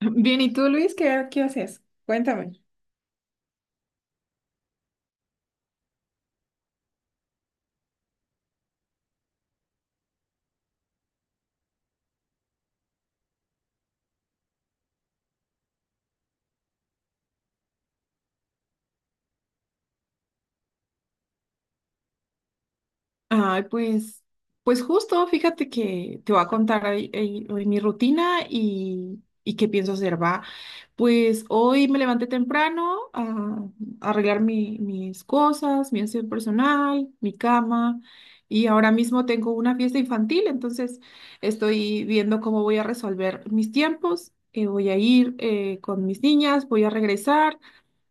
Bien, ¿y tú, Luis, qué haces? Cuéntame. Ay, pues, justo, fíjate que te voy a contar hoy mi rutina y qué pienso hacer, va. Pues hoy me levanté temprano a arreglar mis cosas, mi aseo personal, mi cama, y ahora mismo tengo una fiesta infantil, entonces estoy viendo cómo voy a resolver mis tiempos. Voy a ir con mis niñas, voy a regresar,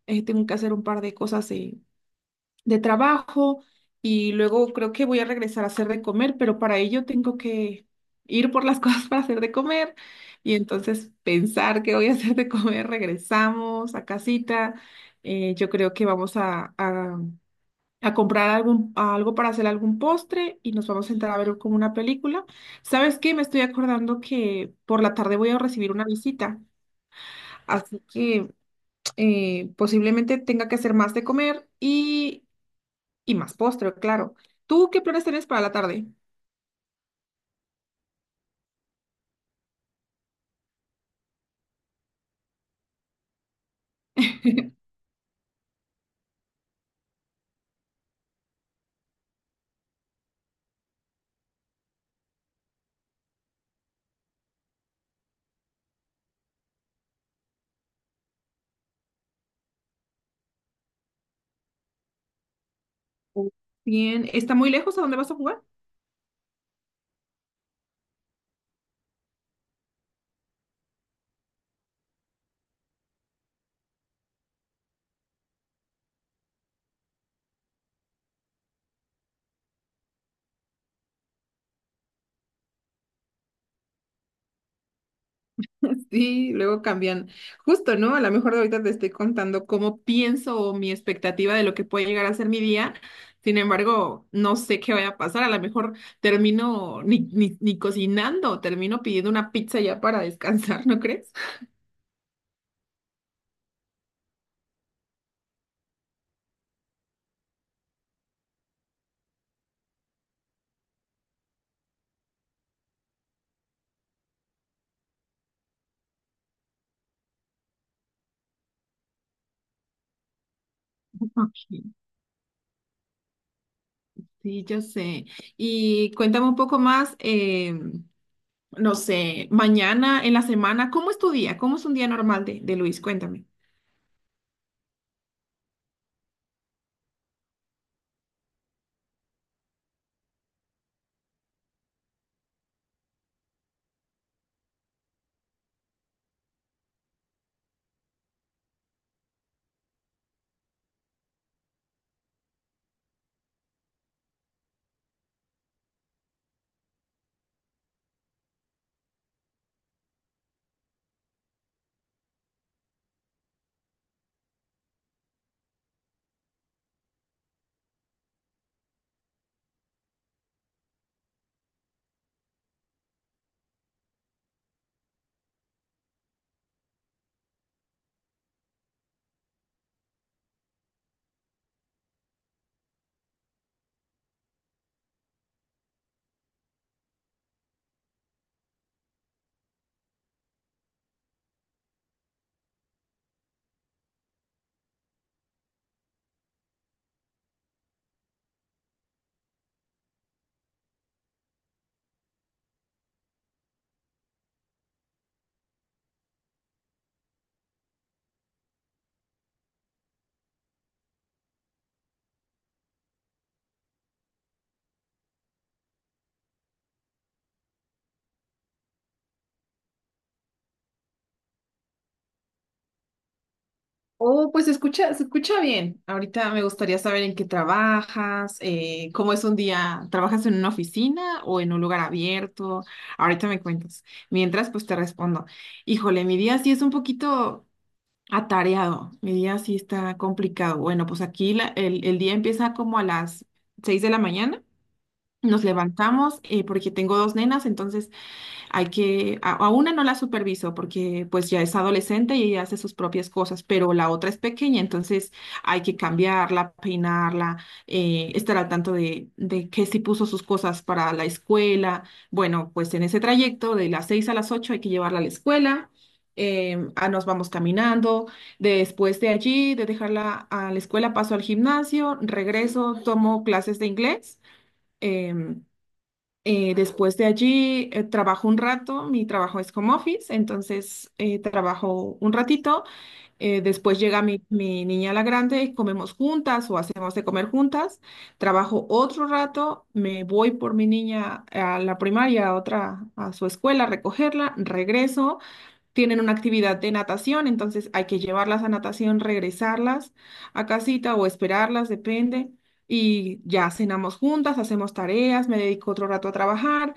tengo que hacer un par de cosas de trabajo, y luego creo que voy a regresar a hacer de comer, pero para ello tengo que ir por las cosas para hacer de comer y entonces pensar que voy a hacer de comer. Regresamos a casita. Yo creo que a comprar algo para hacer algún postre y nos vamos a sentar a ver como una película. ¿Sabes qué? Me estoy acordando que por la tarde voy a recibir una visita, así que posiblemente tenga que hacer más de comer y más postre, claro. ¿Tú qué planes tienes para la tarde? Bien, ¿está muy lejos a dónde vas a jugar? Sí, luego cambian. Justo, ¿no? A lo mejor ahorita te estoy contando cómo pienso o mi expectativa de lo que puede llegar a ser mi día. Sin embargo, no sé qué vaya a pasar. A lo mejor termino ni cocinando, termino pidiendo una pizza ya para descansar, ¿no crees? Ok. Sí, yo sé. Y cuéntame un poco más. No sé, mañana, en la semana. ¿Cómo es tu día? ¿Cómo es un día normal de Luis? Cuéntame. Oh, pues se escucha bien. Ahorita me gustaría saber en qué trabajas, cómo es un día, ¿trabajas en una oficina o en un lugar abierto? Ahorita me cuentas. Mientras, pues te respondo. Híjole, mi día sí es un poquito atareado, mi día sí está complicado. Bueno, pues aquí el día empieza como a las 6 de la mañana. Nos levantamos porque tengo dos nenas, entonces hay que, a una no la superviso porque pues ya es adolescente y ella hace sus propias cosas, pero la otra es pequeña, entonces hay que cambiarla, peinarla, estar al tanto de que si puso sus cosas para la escuela. Bueno, pues en ese trayecto de las 6 a las 8 hay que llevarla a la escuela. Nos vamos caminando. Después de allí, de dejarla a la escuela, paso al gimnasio, regreso, tomo clases de inglés. em, Después de allí trabajo un rato, mi trabajo es home office, entonces trabajo un ratito, después llega mi niña la grande, comemos juntas o hacemos de comer juntas, trabajo otro rato, me voy por mi niña a la primaria, a otra, a su escuela, a recogerla, regreso. Tienen una actividad de natación, entonces hay que llevarlas a natación, regresarlas a casita o esperarlas, depende. Y ya cenamos juntas, hacemos tareas, me dedico otro rato a trabajar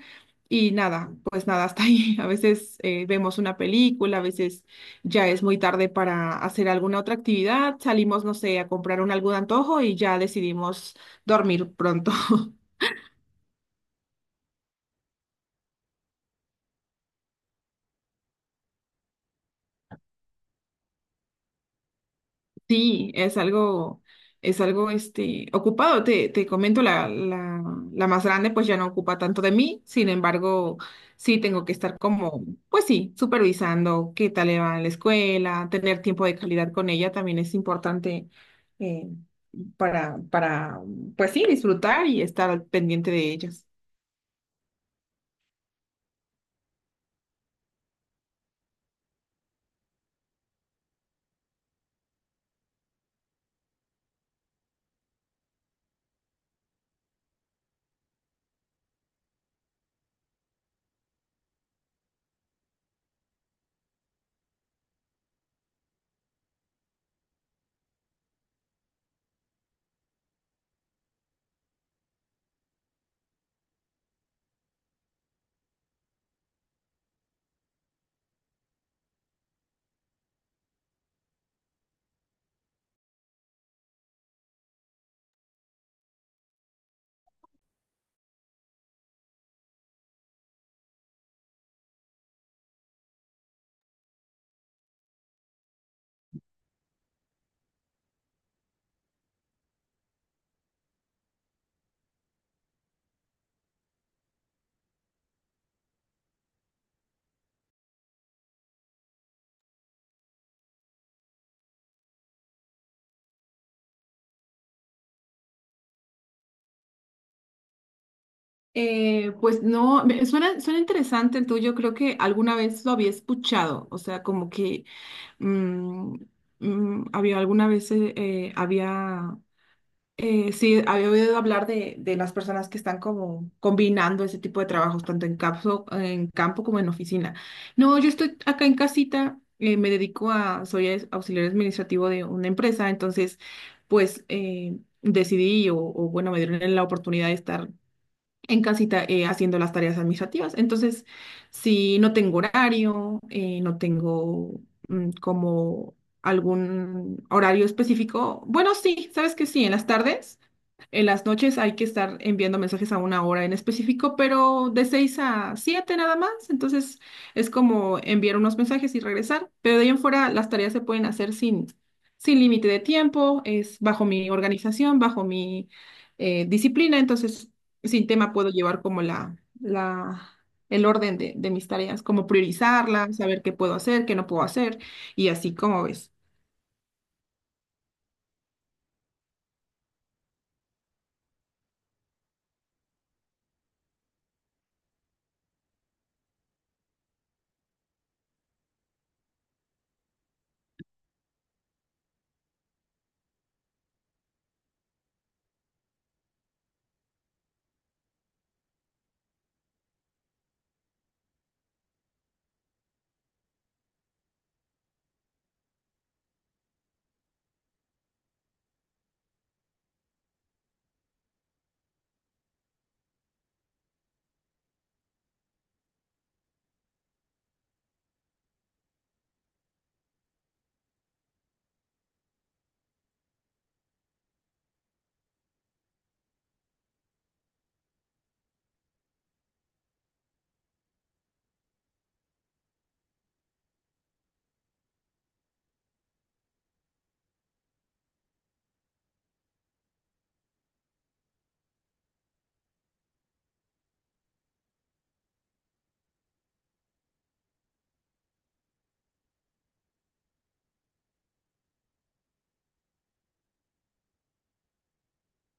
y nada, pues nada, hasta ahí. A veces vemos una película, a veces ya es muy tarde para hacer alguna otra actividad, salimos, no sé, a comprar un algún antojo y ya decidimos dormir pronto. Sí, es algo este, ocupado. Te comento, la más grande pues ya no ocupa tanto de mí, sin embargo, sí tengo que estar como, pues sí, supervisando qué tal le va en la escuela, tener tiempo de calidad con ella también es importante eh, para, pues sí, disfrutar y estar al pendiente de ellos. Pues no, suena, suena interesante el tuyo, creo que alguna vez lo había escuchado, o sea, como que Mm, había alguna vez, había, sí, había oído hablar de las personas que están como combinando ese tipo de trabajos, tanto en campo como en oficina. No, yo estoy acá en casita, me dedico a, soy auxiliar administrativo de una empresa. Entonces, pues, decidí bueno, me dieron la oportunidad de estar en casita haciendo las tareas administrativas. Entonces, si no tengo horario, no tengo, como, algún horario específico. Bueno, sí, sabes que sí, en las tardes. En las noches hay que estar enviando mensajes a una hora en específico, pero de 6 a 7 nada más. Entonces es como enviar unos mensajes y regresar. Pero de ahí en fuera las tareas se pueden hacer sin, sin límite de tiempo, es bajo mi organización, bajo mi disciplina. Entonces sin tema puedo llevar como el orden de mis tareas, como priorizarlas, saber qué puedo hacer, qué no puedo hacer y así como ves.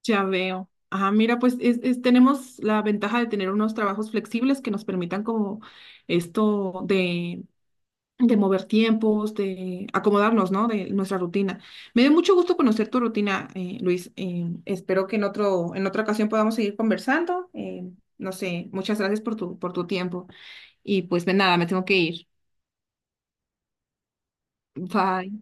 Ya veo. Ah, mira, pues tenemos la ventaja de tener unos trabajos flexibles que nos permitan como esto de mover tiempos, de acomodarnos, ¿no? De nuestra rutina. Me dio mucho gusto conocer tu rutina, Luis. Espero que en otro, en otra ocasión podamos seguir conversando. No sé, muchas gracias por tu tiempo. Y pues de nada, me tengo que ir. Bye.